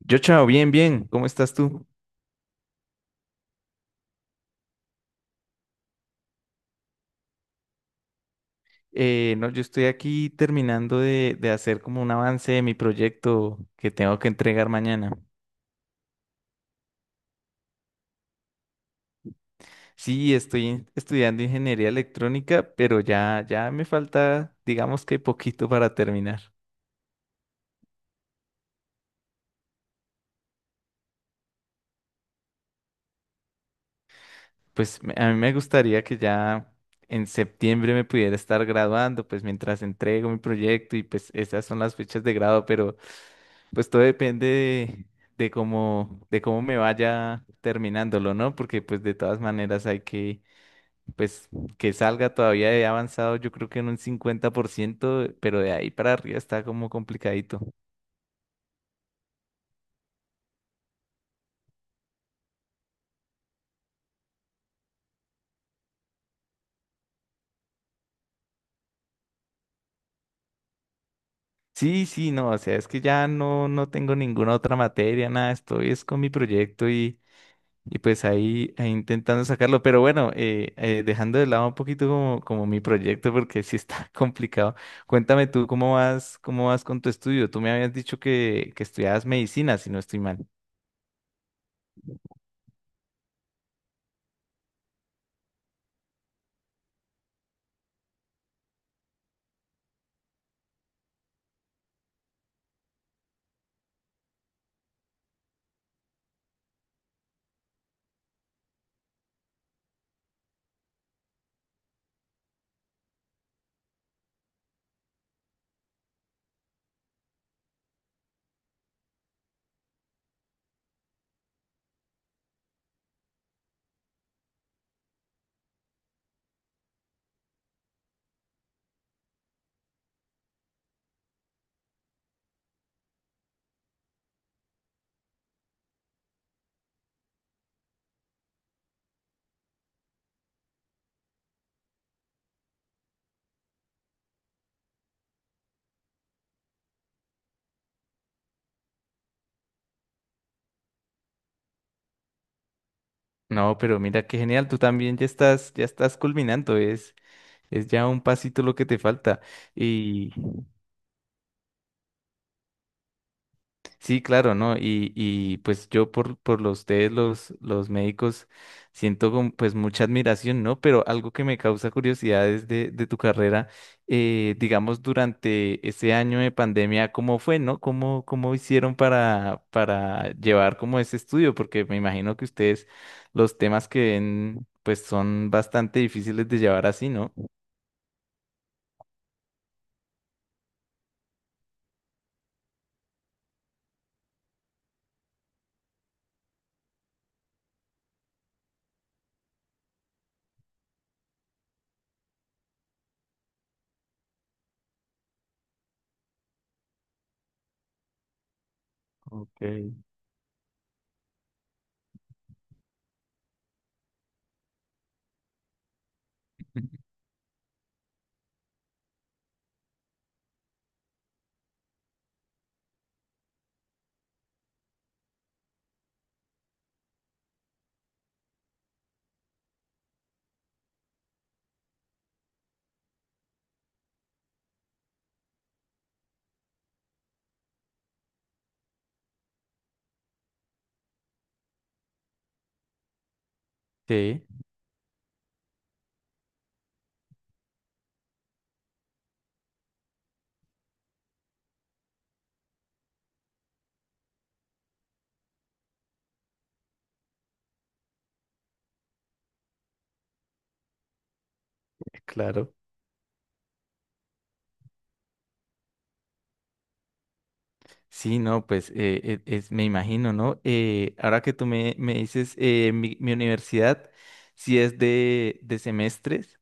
Yo, chao, bien, bien. ¿Cómo estás tú? No, yo estoy aquí terminando de hacer como un avance de mi proyecto que tengo que entregar mañana. Sí, estoy estudiando ingeniería electrónica, pero ya me falta, digamos que poquito para terminar. Pues a mí me gustaría que ya en septiembre me pudiera estar graduando, pues mientras entrego mi proyecto y pues esas son las fechas de grado. Pues todo depende de cómo, de cómo, me vaya terminándolo, ¿no? Porque pues de todas maneras hay que, pues que salga todavía he avanzado yo creo que en un 50%, pero de ahí para arriba está como complicadito. Sí, sí, no, o sea, es que ya no tengo ninguna otra materia, nada, estoy es con mi proyecto y pues ahí intentando sacarlo, pero bueno, dejando de lado un poquito como mi proyecto, porque sí está complicado. Cuéntame tú cómo vas con tu estudio. Tú me habías dicho que estudiabas medicina, si no estoy mal. No, pero mira qué genial, tú también ya estás culminando, es ya un pasito lo que te falta. Sí, claro, ¿no? Y pues yo por los ustedes, los médicos, siento como, pues mucha admiración, ¿no? Pero algo que me causa curiosidad es de tu carrera, digamos, durante ese año de pandemia, ¿cómo fue, no? ¿Cómo hicieron para llevar como ese estudio? Porque me imagino que ustedes, los temas que ven, pues son bastante difíciles de llevar así, ¿no? Ok. Sí, claro. Sí, no, pues es, me imagino, ¿no? Ahora que tú me dices, mi universidad sí es de semestres,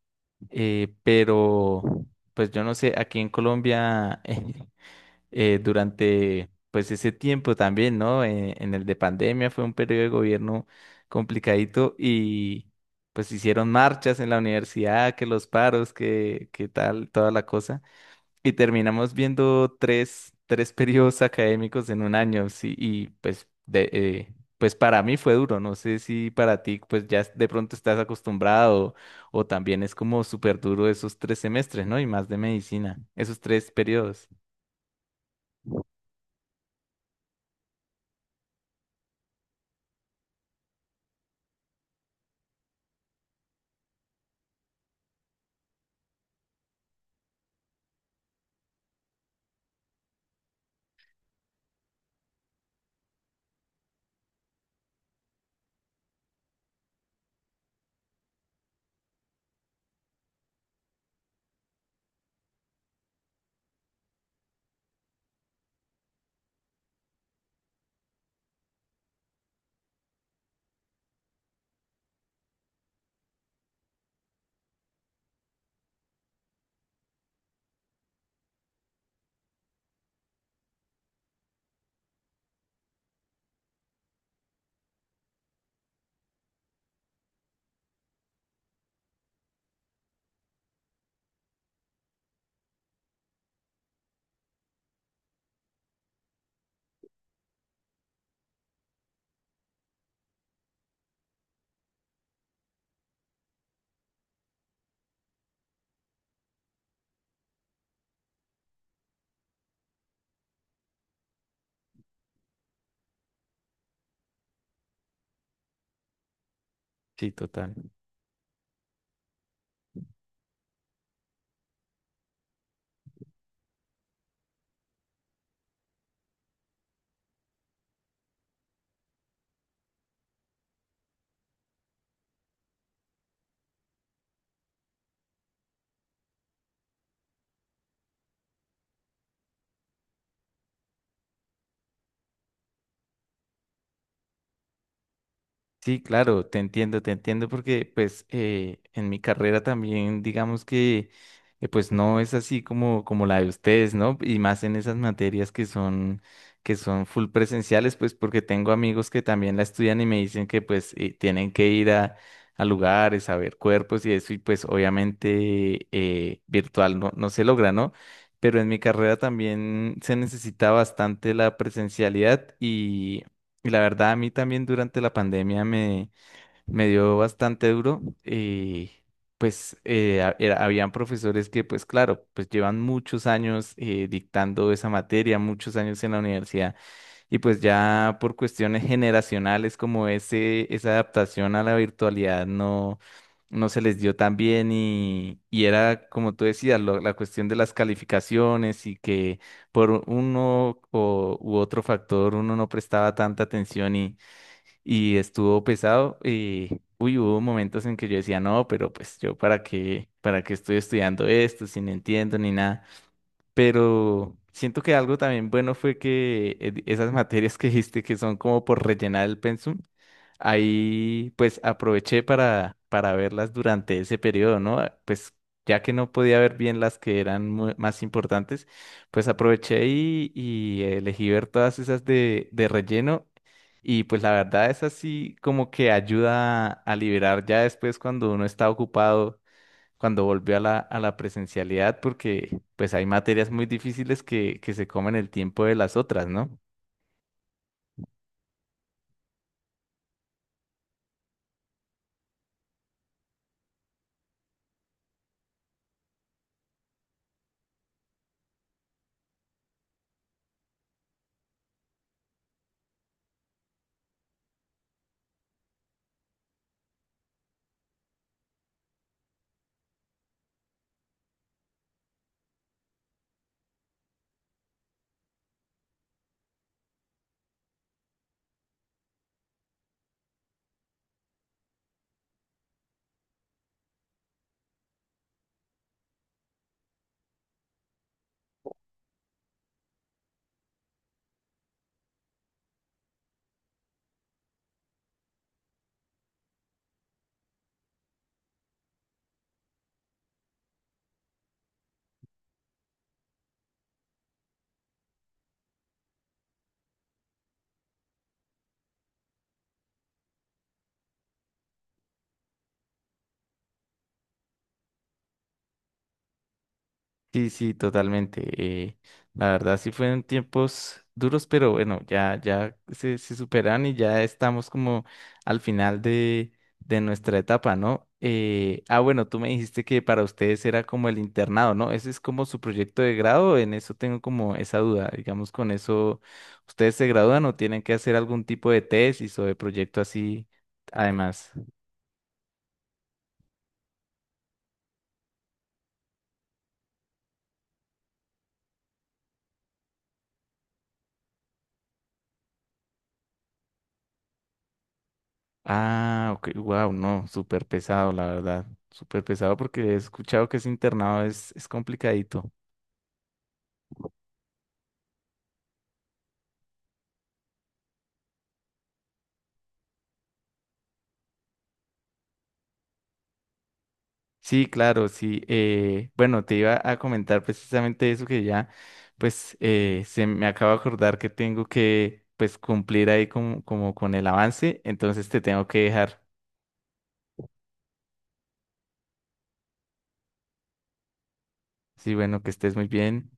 pero pues yo no sé, aquí en Colombia durante pues ese tiempo también, ¿no? En el de pandemia fue un periodo de gobierno complicadito y pues hicieron marchas en la universidad, que los paros, que tal, toda la cosa. Y terminamos viendo tres periodos académicos en un año, sí, y pues, pues para mí fue duro, no sé si para ti pues ya de pronto estás acostumbrado o también es como súper duro esos tres semestres, ¿no? Y más de medicina, esos tres periodos, sí, total. Sí, claro, te entiendo porque pues en mi carrera también digamos que pues no es así como, la de ustedes, ¿no? Y más en esas materias que son full presenciales, pues porque tengo amigos que también la estudian y me dicen que pues tienen que ir a lugares, a ver cuerpos y eso y pues obviamente virtual no se logra, ¿no? Pero en mi carrera también se necesita bastante la presencialidad Y la verdad, a mí también durante la pandemia me dio bastante duro. Y pues habían profesores que, pues claro, pues llevan muchos años dictando esa materia, muchos años en la universidad. Y pues ya por cuestiones generacionales como esa adaptación a la virtualidad no, se les dio tan bien y era como tú decías, la cuestión de las calificaciones y que por uno u otro factor uno no prestaba tanta atención y estuvo pesado. Y, uy, hubo momentos en que yo decía, no, pero pues yo para qué estoy estudiando esto si no entiendo ni nada. Pero siento que algo también bueno fue que esas materias que dijiste que son como por rellenar el pensum, ahí pues aproveché para verlas durante ese periodo, ¿no? Ah, pues ya que no podía ver bien las que eran más importantes, pues aproveché y elegí ver todas esas de relleno. Y pues la verdad es así como que ayuda a liberar ya después cuando uno está ocupado cuando volvió a la, presencialidad, porque pues hay materias muy difíciles que se comen el tiempo de las otras, ¿no? Sí, sí, totalmente. eh, la verdad sí fueron tiempos duros, pero bueno, ya se superan y ya estamos como al final de nuestra etapa, ¿no? Ah, bueno, tú me dijiste que para ustedes era como el internado, ¿no? ¿Ese es como su proyecto de grado? En eso tengo como esa duda. Digamos, con eso, ¿ustedes se gradúan o tienen que hacer algún tipo de tesis o de proyecto así además? Ah, ok, wow, no, súper pesado, la verdad. Súper pesado porque he escuchado que ese internado es, complicadito. Sí, claro, sí. Bueno, te iba a comentar precisamente eso que ya, pues, se me acaba de acordar que tengo que, pues, cumplir ahí como, con el avance, entonces te tengo que dejar. Sí, bueno, que estés muy bien.